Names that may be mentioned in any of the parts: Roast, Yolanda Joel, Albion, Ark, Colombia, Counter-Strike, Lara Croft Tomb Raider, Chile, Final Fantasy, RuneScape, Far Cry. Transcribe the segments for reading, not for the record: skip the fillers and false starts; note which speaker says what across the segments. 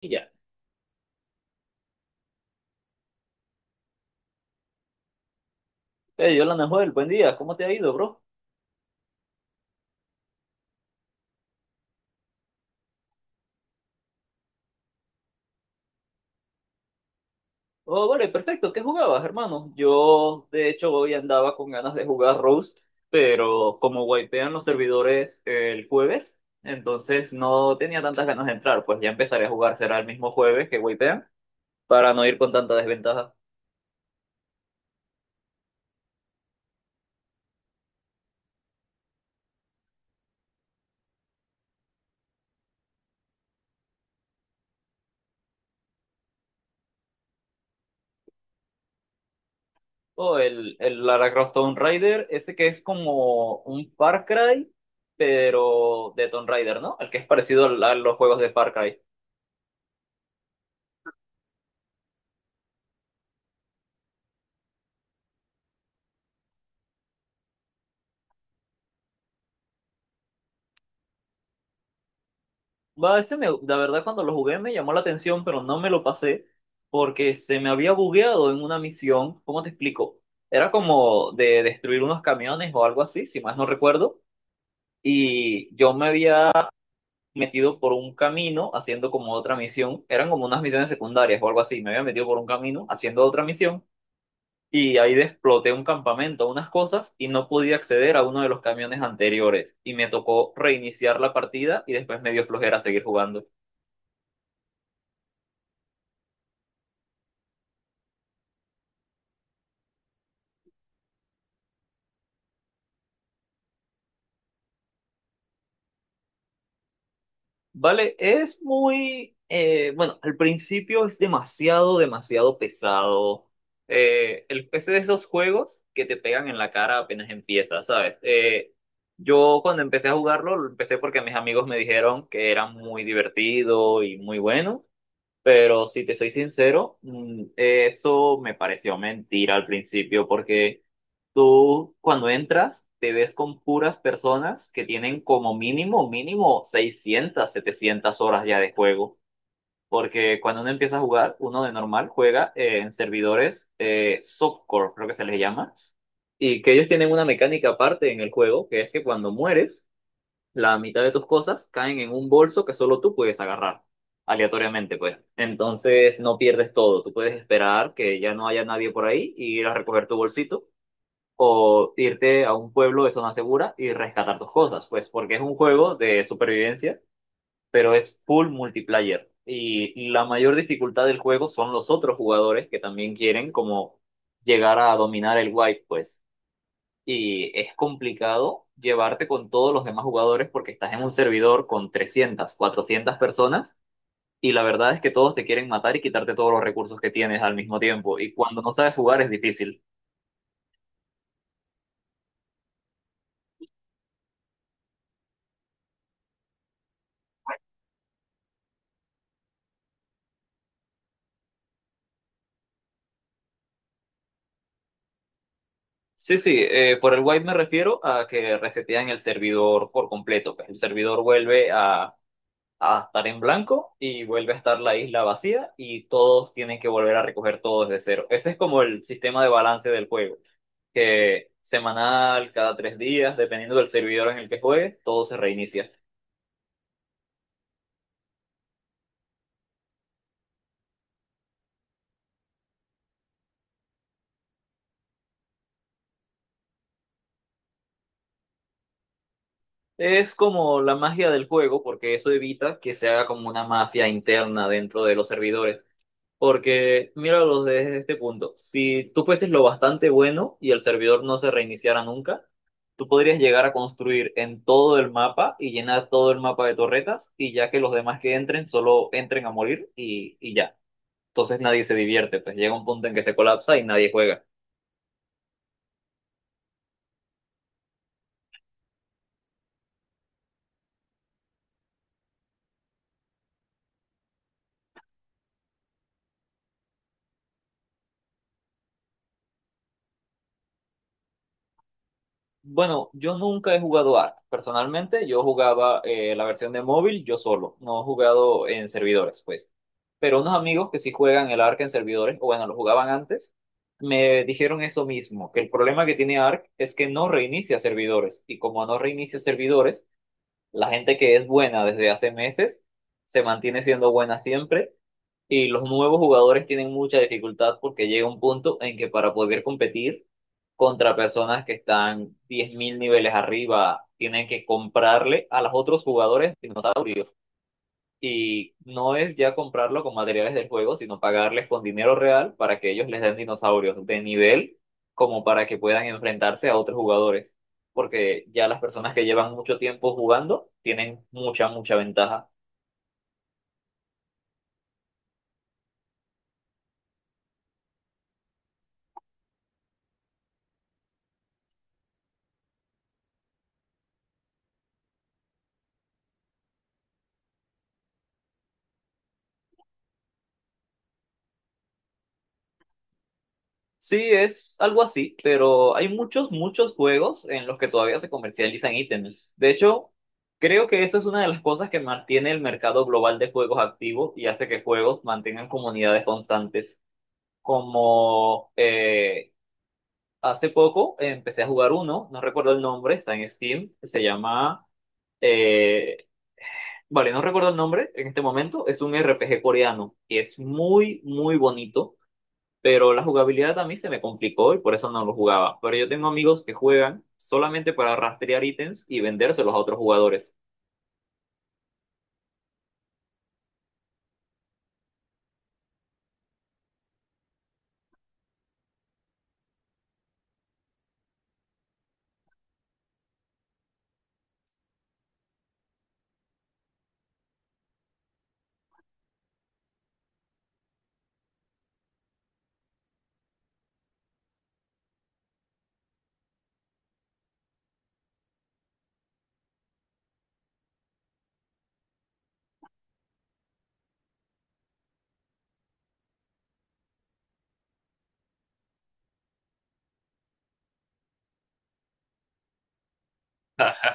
Speaker 1: Y ya. Hey, Yolanda Joel, buen día, ¿cómo te ha ido, bro? Oh, vale, perfecto, ¿qué jugabas, hermano? Yo, de hecho, hoy andaba con ganas de jugar Roast, pero como wipean los servidores el jueves, entonces no tenía tantas ganas de entrar, pues ya empezaré a jugar, será el mismo jueves que wipean, para no ir con tanta desventaja. Oh, el Lara Croft Tomb Raider, ese que es como un Far Cry, pero de Tomb Raider, ¿no? El que es parecido a los juegos de Far Cry. Va, ese la verdad cuando lo jugué me llamó la atención, pero no me lo pasé porque se me había bugueado en una misión. ¿Cómo te explico? Era como de destruir unos camiones o algo así, si más no recuerdo. Y yo me había metido por un camino haciendo como otra misión. Eran como unas misiones secundarias o algo así. Me había metido por un camino haciendo otra misión y ahí exploté un campamento, unas cosas y no podía acceder a uno de los camiones anteriores. Y me tocó reiniciar la partida y después me dio flojera seguir jugando. Vale, es muy, bueno, al principio es demasiado, demasiado pesado. El PC de esos juegos que te pegan en la cara apenas empieza, ¿sabes? Yo cuando empecé a jugarlo, lo empecé porque mis amigos me dijeron que era muy divertido y muy bueno, pero si te soy sincero, eso me pareció mentira al principio porque. Tú cuando entras te ves con puras personas que tienen como mínimo, mínimo 600 700 horas ya de juego. Porque cuando uno empieza a jugar, uno de normal juega en servidores softcore, creo que se les llama, y que ellos tienen una mecánica aparte en el juego, que es que cuando mueres, la mitad de tus cosas caen en un bolso que solo tú puedes agarrar, aleatoriamente, pues. Entonces no pierdes todo, tú puedes esperar que ya no haya nadie por ahí y ir a recoger tu bolsito o irte a un pueblo de zona segura y rescatar tus cosas, pues porque es un juego de supervivencia, pero es full multiplayer. Y la mayor dificultad del juego son los otros jugadores que también quieren como llegar a dominar el wipe, pues. Y es complicado llevarte con todos los demás jugadores porque estás en un servidor con 300 400 personas y la verdad es que todos te quieren matar y quitarte todos los recursos que tienes al mismo tiempo. Y cuando no sabes jugar es difícil. Sí, sí, por el wipe me refiero a que resetean el servidor por completo, pues. El servidor vuelve a estar en blanco y vuelve a estar la isla vacía y todos tienen que volver a recoger todo desde cero. Ese es como el sistema de balance del juego, que semanal, cada 3 días, dependiendo del servidor en el que juegues, todo se reinicia. Es como la magia del juego porque eso evita que se haga como una mafia interna dentro de los servidores. Porque míralos desde este punto. Si tú fueses lo bastante bueno y el servidor no se reiniciara nunca, tú podrías llegar a construir en todo el mapa y llenar todo el mapa de torretas y ya que los demás que entren solo entren a morir y ya. Entonces nadie se divierte, pues llega un punto en que se colapsa y nadie juega. Bueno, yo nunca he jugado Ark. Personalmente, yo jugaba la versión de móvil yo solo. No he jugado en servidores, pues. Pero unos amigos que sí juegan el Ark en servidores, o bueno, lo jugaban antes, me dijeron eso mismo, que el problema que tiene Ark es que no reinicia servidores. Y como no reinicia servidores, la gente que es buena desde hace meses se mantiene siendo buena siempre y los nuevos jugadores tienen mucha dificultad porque llega un punto en que para poder competir contra personas que están 10.000 niveles arriba, tienen que comprarle a los otros jugadores dinosaurios y no es ya comprarlo con materiales del juego, sino pagarles con dinero real para que ellos les den dinosaurios de nivel como para que puedan enfrentarse a otros jugadores, porque ya las personas que llevan mucho tiempo jugando tienen mucha, mucha ventaja. Sí, es algo así, pero hay muchos, muchos juegos en los que todavía se comercializan ítems. De hecho, creo que eso es una de las cosas que mantiene el mercado global de juegos activo y hace que juegos mantengan comunidades constantes como. Hace poco empecé a jugar uno, no recuerdo el nombre, está en Steam, se llama. Eh, vale, no recuerdo el nombre en este momento, es un RPG coreano y es muy, muy bonito, pero la jugabilidad a mí se me complicó y por eso no lo jugaba. Pero yo tengo amigos que juegan solamente para rastrear ítems y vendérselos a otros jugadores.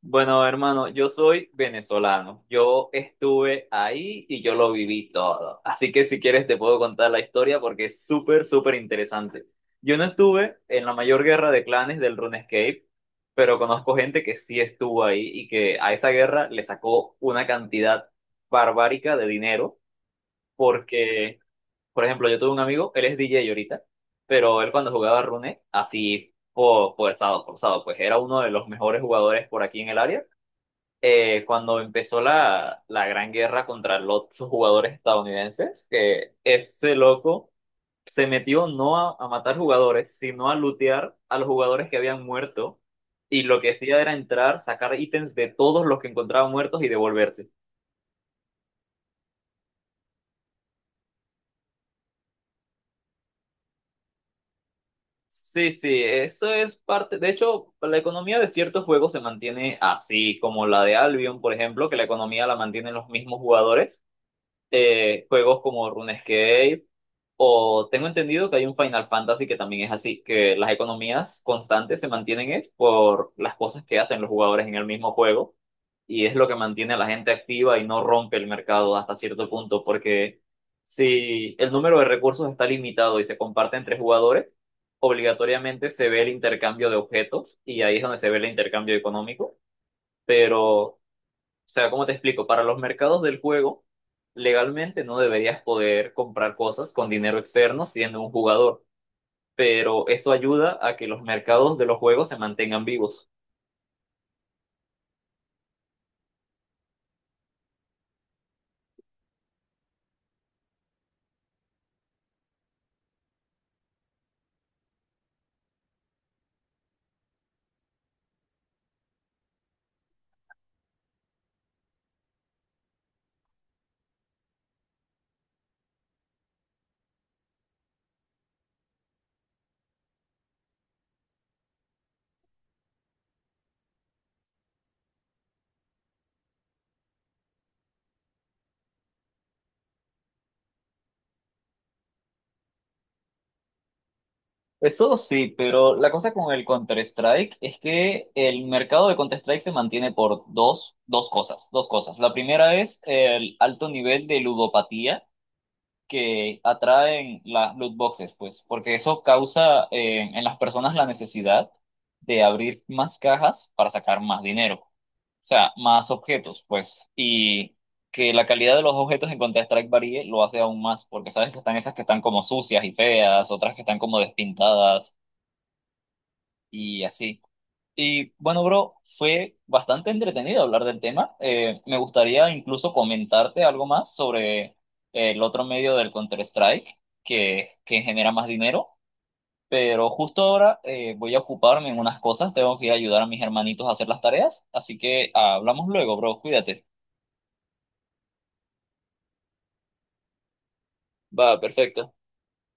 Speaker 1: Bueno, hermano, yo soy venezolano. Yo estuve ahí y yo lo viví todo. Así que si quieres te puedo contar la historia porque es súper, súper interesante. Yo no estuve en la mayor guerra de clanes del RuneScape, pero conozco gente que sí estuvo ahí y que a esa guerra le sacó una cantidad barbárica de dinero porque, por ejemplo, yo tuve un amigo, él es DJ ahorita, pero él cuando jugaba Rune, así, forzado, forzado, pues era uno de los mejores jugadores por aquí en el área cuando empezó la gran guerra contra los jugadores estadounidenses, que ese loco se metió no a matar jugadores, sino a lootear a los jugadores que habían muerto, y lo que hacía era entrar, sacar ítems de todos los que encontraba muertos y devolverse. Sí, sí, eso es parte. De hecho, la economía de ciertos juegos se mantiene así, como la de Albion, por ejemplo, que la economía la mantienen los mismos jugadores. Juegos como RuneScape o tengo entendido que hay un Final Fantasy que también es así, que las economías constantes se mantienen es por las cosas que hacen los jugadores en el mismo juego y es lo que mantiene a la gente activa y no rompe el mercado hasta cierto punto, porque si el número de recursos está limitado y se comparte entre jugadores, obligatoriamente se ve el intercambio de objetos y ahí es donde se ve el intercambio económico, pero o sea, ¿cómo te explico? Para los mercados del juego, legalmente no deberías poder comprar cosas con dinero externo siendo un jugador, pero eso ayuda a que los mercados de los juegos se mantengan vivos. Eso sí, pero la cosa con el Counter-Strike es que el mercado de Counter-Strike se mantiene por dos cosas, dos cosas. La primera es el alto nivel de ludopatía que atraen las loot boxes, pues, porque eso causa en las personas la necesidad de abrir más cajas para sacar más dinero, o sea, más objetos, pues, y que la calidad de los objetos en Counter-Strike varíe lo hace aún más, porque sabes que están esas que están como sucias y feas, otras que están como despintadas y así. Y bueno, bro, fue bastante entretenido hablar del tema. Me gustaría incluso comentarte algo más sobre el otro medio del Counter-Strike que genera más dinero, pero justo ahora voy a ocuparme en unas cosas, tengo que ayudar a mis hermanitos a hacer las tareas, así que hablamos luego, bro, cuídate. Va, perfecto.